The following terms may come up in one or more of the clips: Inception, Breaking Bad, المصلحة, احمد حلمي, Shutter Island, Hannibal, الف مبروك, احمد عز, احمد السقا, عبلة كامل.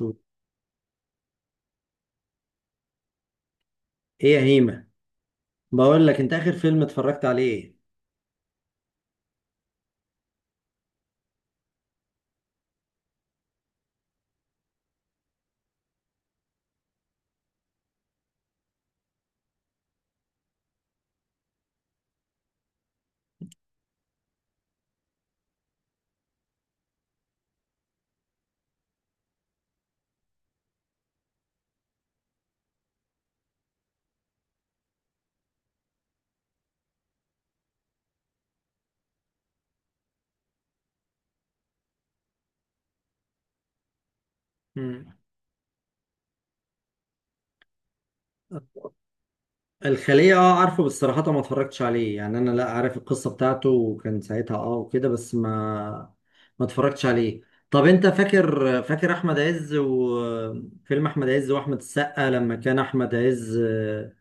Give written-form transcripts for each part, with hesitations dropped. ايه، يا هيمة، بقول لك انت اخر فيلم اتفرجت عليه ايه؟ مم. الخلية، اه عارفه، بس صراحة ما اتفرجتش عليه. يعني انا لا عارف القصة بتاعته وكان ساعتها اه وكده، بس ما اتفرجتش عليه. طب انت فاكر احمد عز وفيلم احمد عز واحمد السقا لما كان احمد عز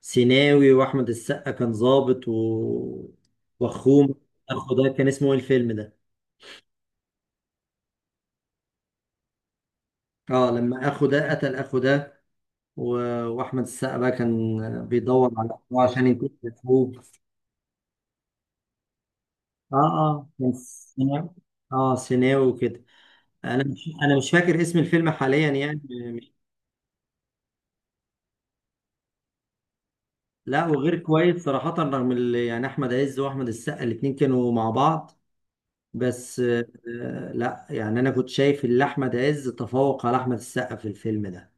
سيناوي، واحمد السقا كان ضابط واخوه؟ اخو ده كان اسمه ايه الفيلم ده؟ اه، لما اخو ده قتل اخو ده و- واحمد السقا بقى كان بيدور على أخوه عشان ينتقم من اخوه. اه اه، كان سيناوي. اه سيناوي وكده. انا مش فاكر اسم الفيلم حاليا يعني. مش- لا وغير كويس صراحة، رغم يعني احمد عز واحمد السقا الاتنين كانوا مع بعض، بس لا يعني انا كنت شايف ان احمد عز تفوق على احمد السقا في الفيلم ده.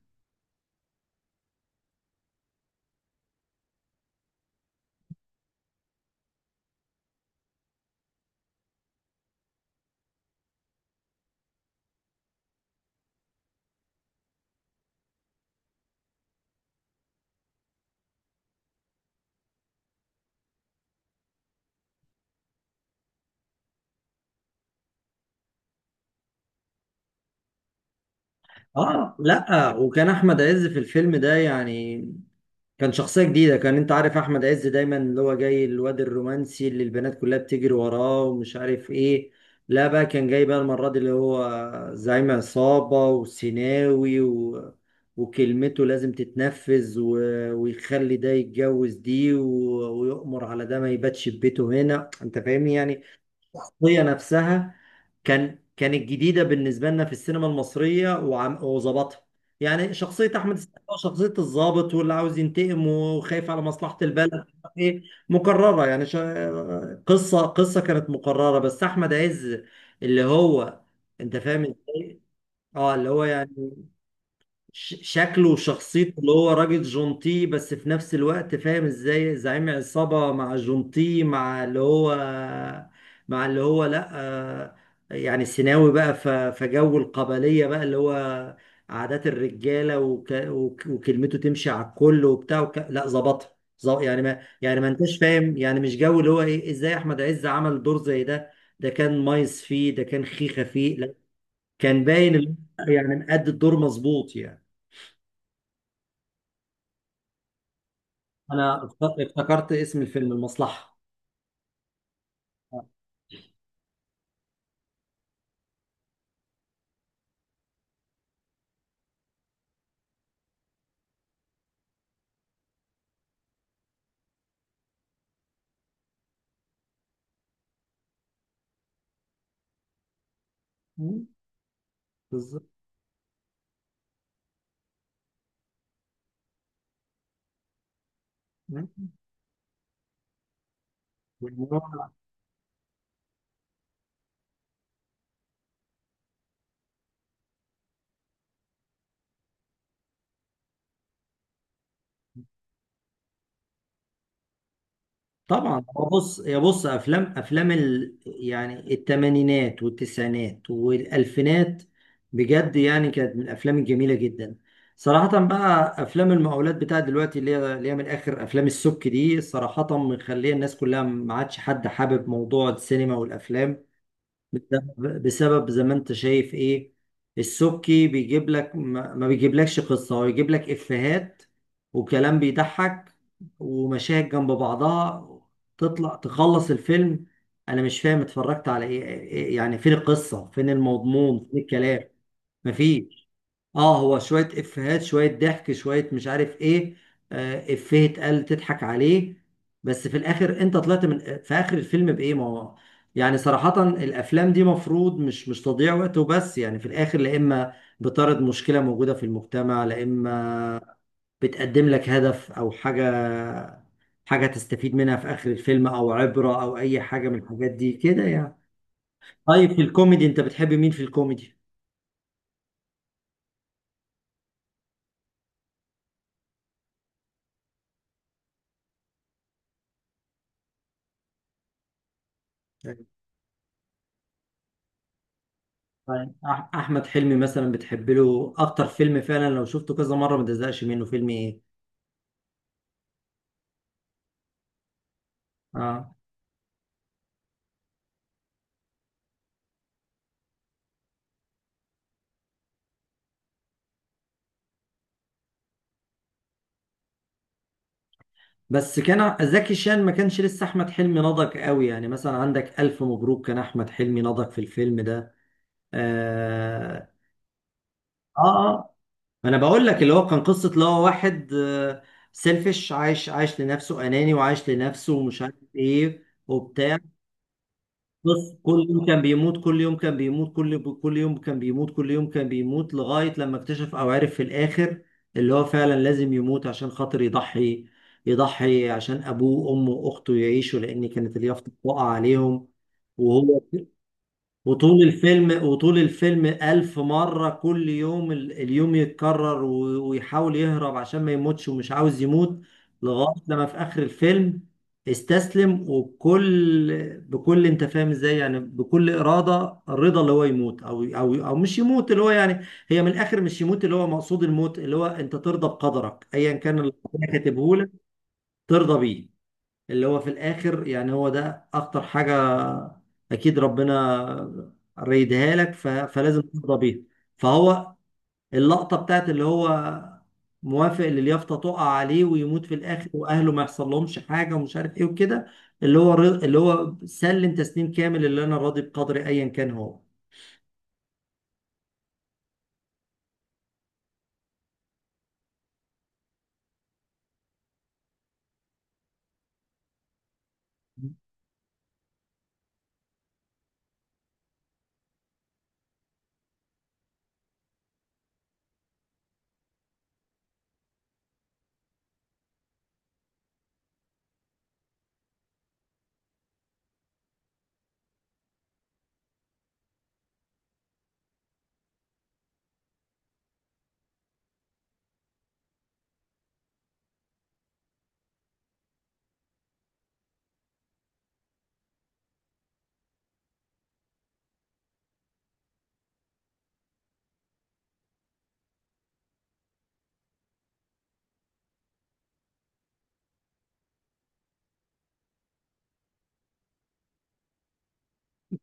اه لا، وكان احمد عز في الفيلم ده يعني كان شخصية جديدة. انت عارف احمد عز دايما اللي هو جاي الواد الرومانسي اللي البنات كلها بتجري وراه ومش عارف ايه. لا بقى كان جاي بقى المرة دي اللي هو زعيم عصابة وسيناوي، وكلمته لازم تتنفذ، ويخلي ده يتجوز دي، ويؤمر على ده ما يباتش في بيته. هنا انت فاهمني يعني. الشخصية نفسها كانت جديدة بالنسبة لنا في السينما المصرية، وظبطها. يعني شخصية أحمد السقا، شخصية الضابط واللي عاوز ينتقم وخايف على مصلحة البلد، إيه، مكررة. يعني قصة كانت مكررة، بس أحمد عز اللي هو، أنت فاهم إزاي؟ أه اللي هو يعني شكله وشخصيته اللي هو راجل جونتي بس في نفس الوقت فاهم ازاي زعيم عصابة، مع جونتي، مع اللي هو لا يعني سيناوي بقى، فجو القبلية بقى اللي هو عادات الرجالة، وك وك وكلمته تمشي على الكل وبتاع لا ظبطها. يعني ما يعني ما انتش فاهم يعني مش جو. اللي هو ايه، ازاي احمد عز عمل دور زي ده؟ ده كان مايس فيه، ده كان خيخة فيه، لا كان باين اللي هو يعني مأدي الدور مظبوط يعني. انا افتكرت اسم الفيلم، المصلحة. مم. بالظبط. مم. يعني هو طبعا هو، بص افلام يعني الثمانينات والتسعينات والالفينات بجد يعني كانت من الافلام الجميله جدا. صراحه بقى افلام المقاولات بتاعت دلوقتي، اللي هي من اخر افلام السك دي، صراحه مخليه الناس كلها ما عادش حد حابب موضوع السينما والافلام. بسبب، زي ما انت شايف ايه، السبكي بيجيب لك، ما بيجيبلكش قصة، هو يجيب لك افيهات وكلام بيضحك ومشاهد جنب بعضها، تطلع تخلص الفيلم. انا مش فاهم اتفرجت على ايه. يعني فين القصة، فين المضمون، فين الكلام؟ مفيش. اه، هو شوية افيهات، شوية ضحك، شوية مش عارف ايه، افيه اتقال تضحك عليه. بس في الاخر انت طلعت من في اخر الفيلم بايه؟ ما هو يعني صراحة الافلام دي مفروض مش، تضييع وقت وبس، يعني في الاخر لا اما بتعرض مشكلة موجودة في المجتمع، لا اما بتقدم لك هدف او حاجة، حاجة تستفيد منها في اخر الفيلم، او عبرة، او اي حاجة من الحاجات دي كده يعني. طيب في الكوميدي انت بتحب مين في الكوميدي؟ طيب احمد حلمي مثلا، بتحب له اكتر فيلم فعلا لو شفته كذا مره ما تزهقش منه فيلم ايه؟ اه، بس كان زكي شان، ما كانش لسه احمد حلمي نضج قوي. يعني مثلا عندك الف مبروك، كان احمد حلمي نضج في الفيلم ده. اه اه. آه. انا بقول لك اللي هو، كان قصه اللي هو واحد سيلفش عايش لنفسه، اناني وعايش لنفسه ومش عارف ايه وبتاع. بص، كل يوم كان بيموت، كل يوم كان بيموت، كل يوم كان بيموت، كل يوم كان بيموت، لغاية لما اكتشف أو عرف في الآخر اللي هو فعلا لازم يموت عشان خاطر يضحي. يضحي عشان أبوه وأمه وأخته يعيشوا، لأن كانت اليافطة بتقع عليهم وهو وطول الفيلم ألف مرة كل يوم اليوم يتكرر، و- ويحاول يهرب عشان ما يموتش ومش عاوز يموت، لغاية لما في آخر الفيلم استسلم. وبكل انت فاهم ازاي يعني، بكل إرادة الرضا اللي هو يموت، أو مش يموت. اللي هو يعني، هي من الآخر مش يموت اللي هو، مقصود الموت اللي هو انت ترضى بقدرك أيا كان اللي ربنا كاتبه لك، ترضى بيه. اللي هو في الآخر يعني هو ده أخطر حاجة. أكيد ربنا ريدها لك، فلازم ترضى بيها. فهو، اللقطة بتاعت اللي هو موافق اللي اليافطة تقع عليه ويموت في الآخر وأهله ما يحصل لهمش حاجة ومش عارف إيه وكده، اللي هو، اللي هو سلم تسليم كامل، اللي أنا راضي بقدري أيا كان هو.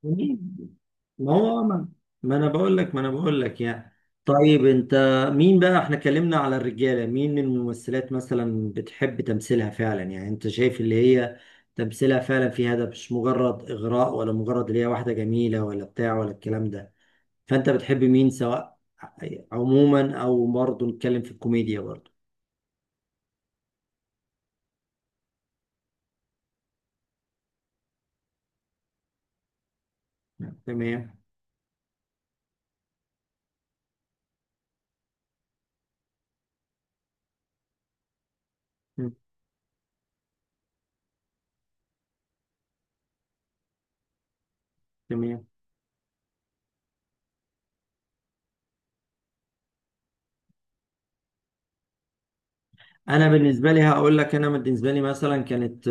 مين؟ ما هو، ما انا بقول لك يعني. طيب انت مين بقى؟ احنا اتكلمنا على الرجاله، مين الممثلات مثلا بتحب تمثيلها فعلا؟ يعني انت شايف اللي هي تمثيلها فعلا في هدف، مش مجرد اغراء ولا مجرد اللي هي واحده جميله ولا بتاع ولا الكلام ده. فانت بتحب مين سواء عموما، او برضه نتكلم في الكوميديا برضه؟ تمام. مم. تمام. انا بالنسبه لي هقول لك، انا بالنسبه لي مثلا كانت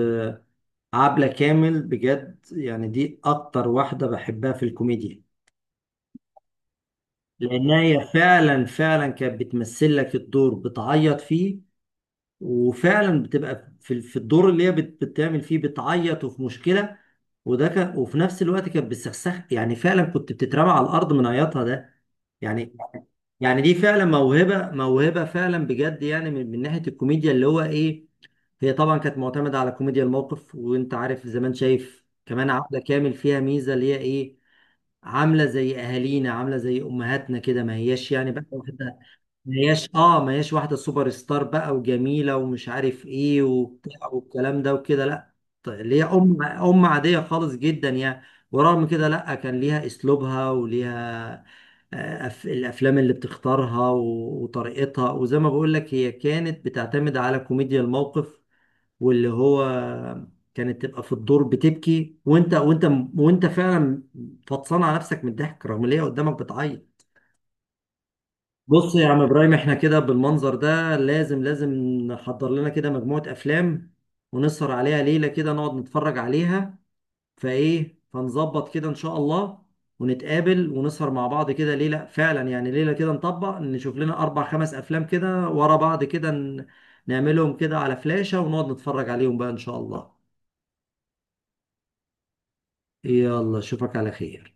عبلة كامل بجد يعني، دي أكتر واحدة بحبها في الكوميديا. لأن هي فعلا كانت بتمثل لك الدور بتعيط فيه، وفعلا بتبقى في الدور اللي هي بتعمل فيه بتعيط وفي مشكلة، وده كان. وفي نفس الوقت كانت بتسخسخ، يعني فعلا كنت بتترمى على الأرض من عياطها ده يعني يعني دي فعلا موهبة، موهبة فعلا بجد يعني، من ناحية الكوميديا اللي هو إيه. هي طبعا كانت معتمدة على كوميديا الموقف. وانت عارف زمان، شايف كمان عبلة كامل فيها ميزة اللي هي ايه، عاملة زي اهالينا، عاملة زي امهاتنا كده، ما هياش يعني بقى واحدة، ما هياش واحدة سوبر ستار بقى وجميلة ومش عارف ايه وبتاع والكلام ده وكده، لا. اللي هي ام عادية خالص جدا يعني. ورغم كده لا، كان ليها اسلوبها وليها الافلام اللي بتختارها، وطريقتها. وزي ما بقول لك، هي كانت بتعتمد على كوميديا الموقف، واللي هو كانت تبقى في الدور بتبكي، وانت فعلا فطسان على نفسك من الضحك رغم ان هي قدامك بتعيط. بص يا عم ابراهيم، احنا كده بالمنظر ده لازم لازم نحضر لنا كده مجموعة افلام ونسهر عليها ليلة كده، نقعد نتفرج عليها. فايه، فنظبط كده ان شاء الله، ونتقابل ونسهر مع بعض كده ليلة فعلا يعني، ليلة كده نطبق نشوف لنا اربع خمس افلام كده ورا بعض كده، نعملهم كده على فلاشة ونقعد نتفرج عليهم بقى ان شاء الله. يلا، اشوفك على خير.